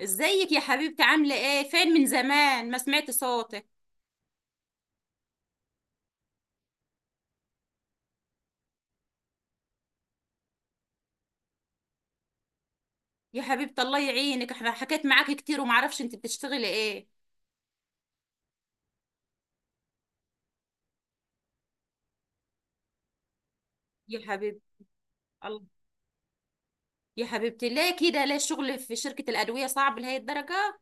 ازيك يا حبيبتي، عاملة ايه؟ فين من زمان ما سمعت صوتك. يا حبيبتي الله يعينك، احنا حكيت معاكي كتير ومعرفش انت بتشتغلي ايه؟ يا حبيبتي. الله. يا حبيبتي ليه كده؟ ليه الشغل في شركة الأدوية صعب لهي الدرجة؟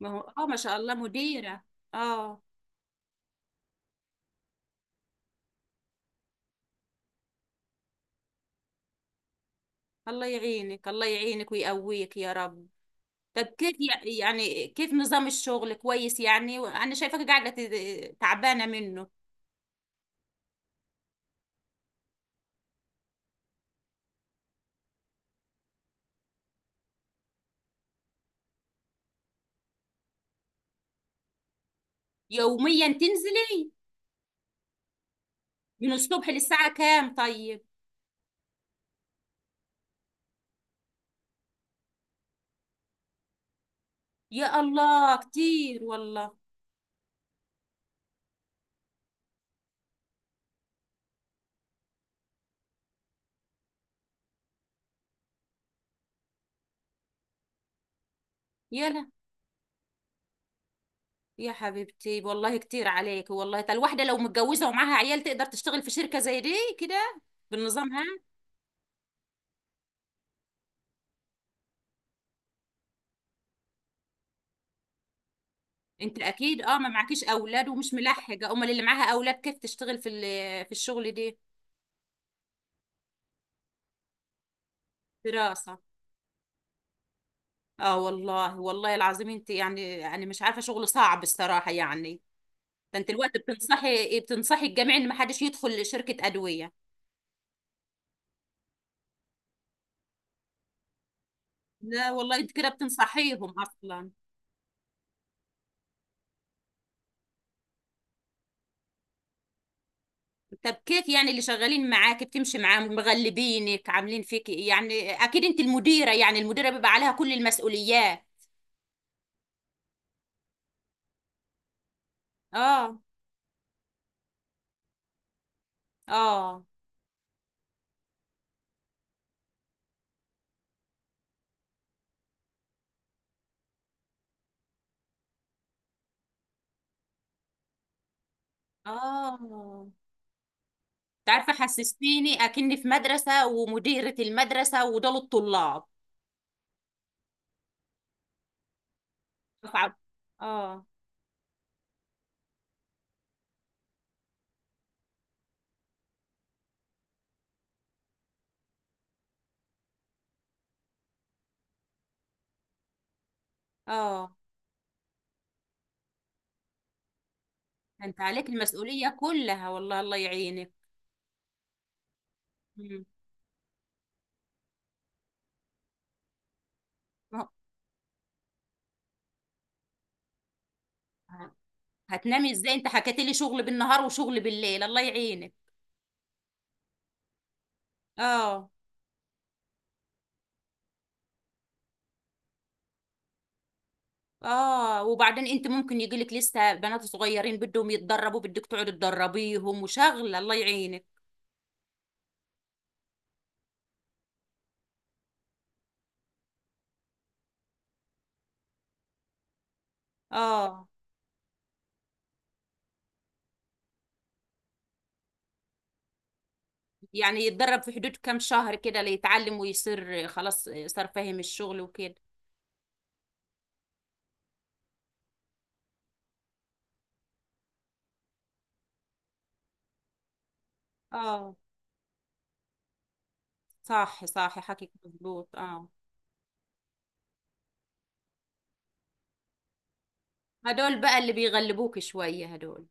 ما هو اه، ما شاء الله مديرة. اه. الله يعينك، الله يعينك ويقويك يا رب. طب كيف يعني كيف نظام الشغل؟ كويس؟ يعني انا شايفاك قاعدة تعبانة منه. يوميا تنزلي؟ من الصبح للساعة كام طيب؟ يا الله كتير والله. يا لا. يا حبيبتي والله كتير عليك، والله تا الواحدة لو متجوزة ومعاها عيال تقدر تشتغل في شركة زي دي كده بالنظام؟ ها؟ انت اكيد اه ما معكيش اولاد ومش ملحقة، امال اللي معاها اولاد كيف تشتغل في في الشغل دي؟ دراسة. اه والله، والله العظيم، انت يعني يعني مش عارفة، شغل صعب الصراحة يعني. ده انت الوقت بتنصحي، بتنصحي الجميع ان ما حدش يدخل شركة ادوية. لا والله انت كده بتنصحيهم اصلا. طب كيف يعني اللي شغالين معاك بتمشي معاهم؟ مغلبينك؟ عاملين فيك إيه؟ يعني اكيد انت المديرة، يعني المديرة بيبقى عليها كل المسؤوليات. اه. اه. اه. تعرفي حسستيني اكني في مدرسة ومديرة المدرسة ودول الطلاب. اه. اه. آه. انت عليك المسؤولية كلها، والله الله يعينك. مم. ما هو- هتنامي ازاي؟ انت حكيت لي شغل بالنهار وشغل بالليل، الله يعينك. اه. اه وبعدين انت ممكن يجيلك لسه بنات صغيرين بدهم يتدربوا، بدك تقعدي تدربيهم وشغله، الله يعينك. اه. يعني يتدرب في حدود كام شهر كده ليتعلم ويصير خلاص صار فاهم الشغل وكده؟ اه صح صح، حكيك مظبوط اه. هدول بقى اللي بيغلبوك شوية هدول.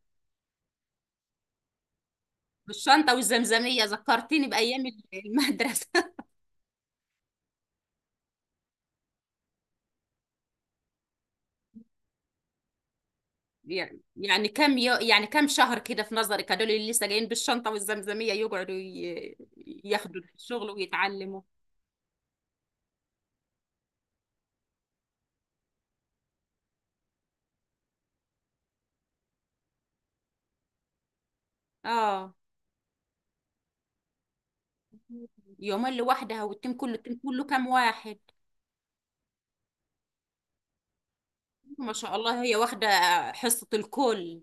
بالشنطة والزمزمية ذكرتيني بأيام المدرسة. يعني يعني كم يو يعني كم شهر كده في نظرك هدول اللي لسه جايين بالشنطة والزمزمية يقعدوا ياخدوا الشغل ويتعلموا؟ اه. يومين لوحدها؟ والتيم كله، التيم كله كام واحد؟ ما شاء الله هي واخدة حصة الكل.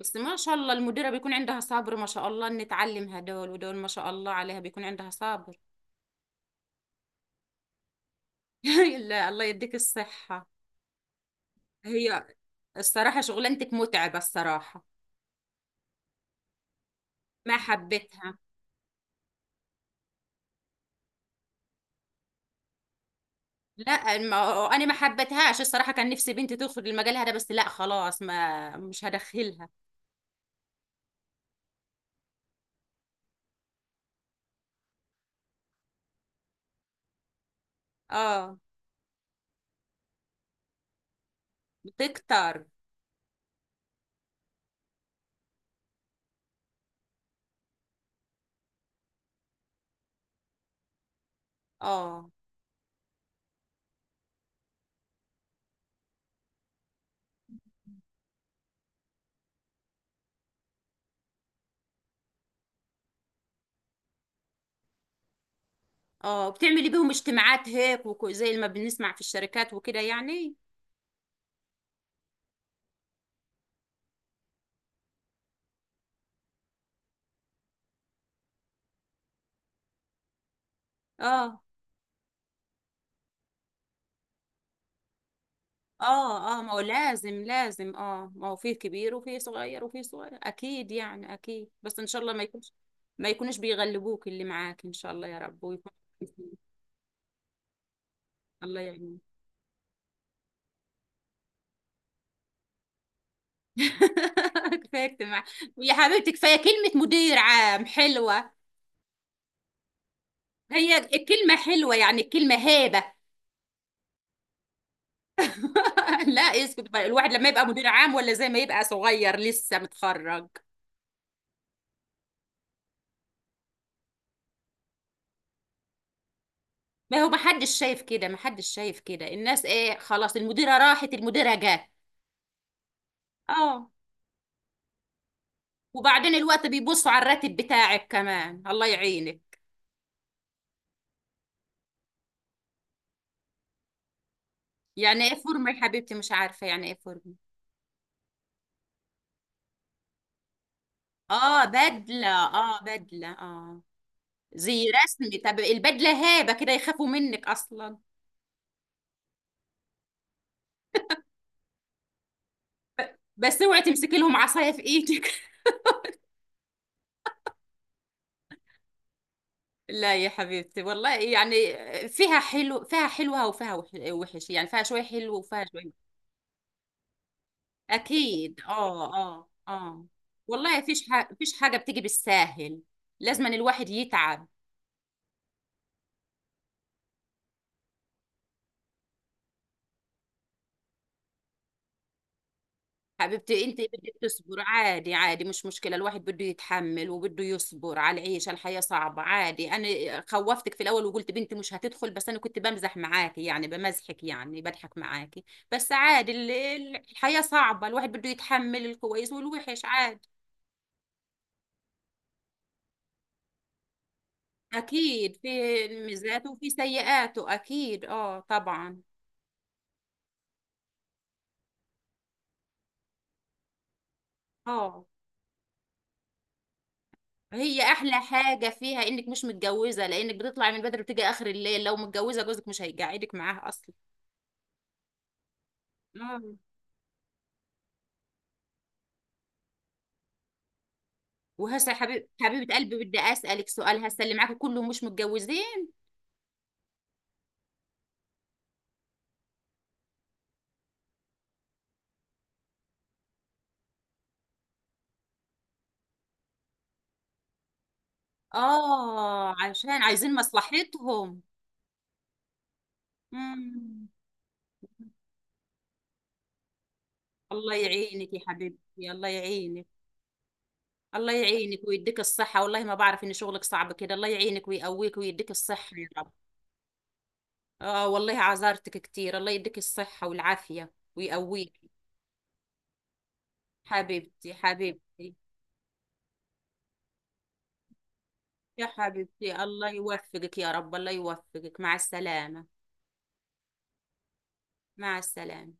بس ما شاء الله المديرة بيكون عندها صبر، ما شاء الله ان تعلم هدول ودول، ما شاء الله عليها بيكون عندها صبر. لا الله يديك الصحة. هي الصراحة شغلانتك متعبة الصراحة. ما حبيتها. لا، ما انا ما حبيتهاش الصراحة، كان نفسي بنتي تدخل المجال هذا، بس لا خلاص ما مش هدخلها. اه. بتكتر. اه اه. بتعملي بيهم اجتماعات هيك زي ما بنسمع في الشركات وكده يعني؟ اه. اه. اه ما هو لازم اه، ما هو فيه كبير وفيه صغير وفيه صغير اكيد يعني، اكيد. بس ان شاء الله ما يكونش، ما يكونوش بيغلبوك اللي معاك ان شاء الله يا رب، ويكون الله يعينك. كفايه اجتماع. يا حبيبتي كفايه كلمه مدير عام حلوه. هي الكلمه حلوه، يعني الكلمه هيبه. لا اسكت بقى. الواحد لما يبقى مدير عام ولا زي ما يبقى صغير لسه متخرج. ما هو محدش شايف كده، محدش شايف كده الناس، ايه خلاص المديرة راحت المديرة جت. اه. وبعدين الوقت بيبصوا على الراتب بتاعك كمان، الله يعينك. يعني ايه فورمة يا حبيبتي؟ مش عارفة يعني ايه فورمة. اه بدلة، اه بدلة اه. زي رسمي. طب البدلة هيبة كده يخافوا منك اصلا. بس اوعي تمسكي لهم عصاية في ايدك. لا يا حبيبتي والله يعني فيها حلو، فيها حلوة وفيها وحش، يعني فيها شوية حلو وفيها شوية. اكيد اه اه اه. والله فيش حاجه، فيش حاجه بتيجي بالساهل، لازم أن الواحد يتعب. حبيبتي انت بدك تصبر، عادي عادي مش مشكله، الواحد بده يتحمل وبده يصبر على العيشه، الحياه صعبه عادي. انا خوفتك في الاول وقلت بنتي مش هتدخل، بس انا كنت بمزح معاكي، يعني بمزحك، يعني بضحك معاكي. بس عادي الحياه صعبه، الواحد بده يتحمل الكويس والوحش عادي. اكيد في ميزاته وفي سيئاته، اكيد اه طبعا. اه هي احلى حاجه فيها انك مش متجوزه، لانك بتطلعي من بدري وتيجي اخر الليل، لو متجوزه جوزك مش هيقعدك معاها اصلا. اه. وهسه يا حبيبه قلبي بدي اسالك سؤال، هسه اللي معاكي كلهم مش متجوزين؟ اه عشان عايزين مصلحتهم. مم. الله يعينك يا حبيبتي، الله يعينك. الله يعينك ويديك الصحة، والله ما بعرف ان شغلك صعب كده، الله يعينك ويقويك ويديك الصحة يا رب. اه والله عذرتك كتير، الله يديك الصحة والعافية ويقويك. حبيبتي، يا حبيبتي الله يوفقك يا رب، الله يوفقك، مع السلامة. مع السلامة.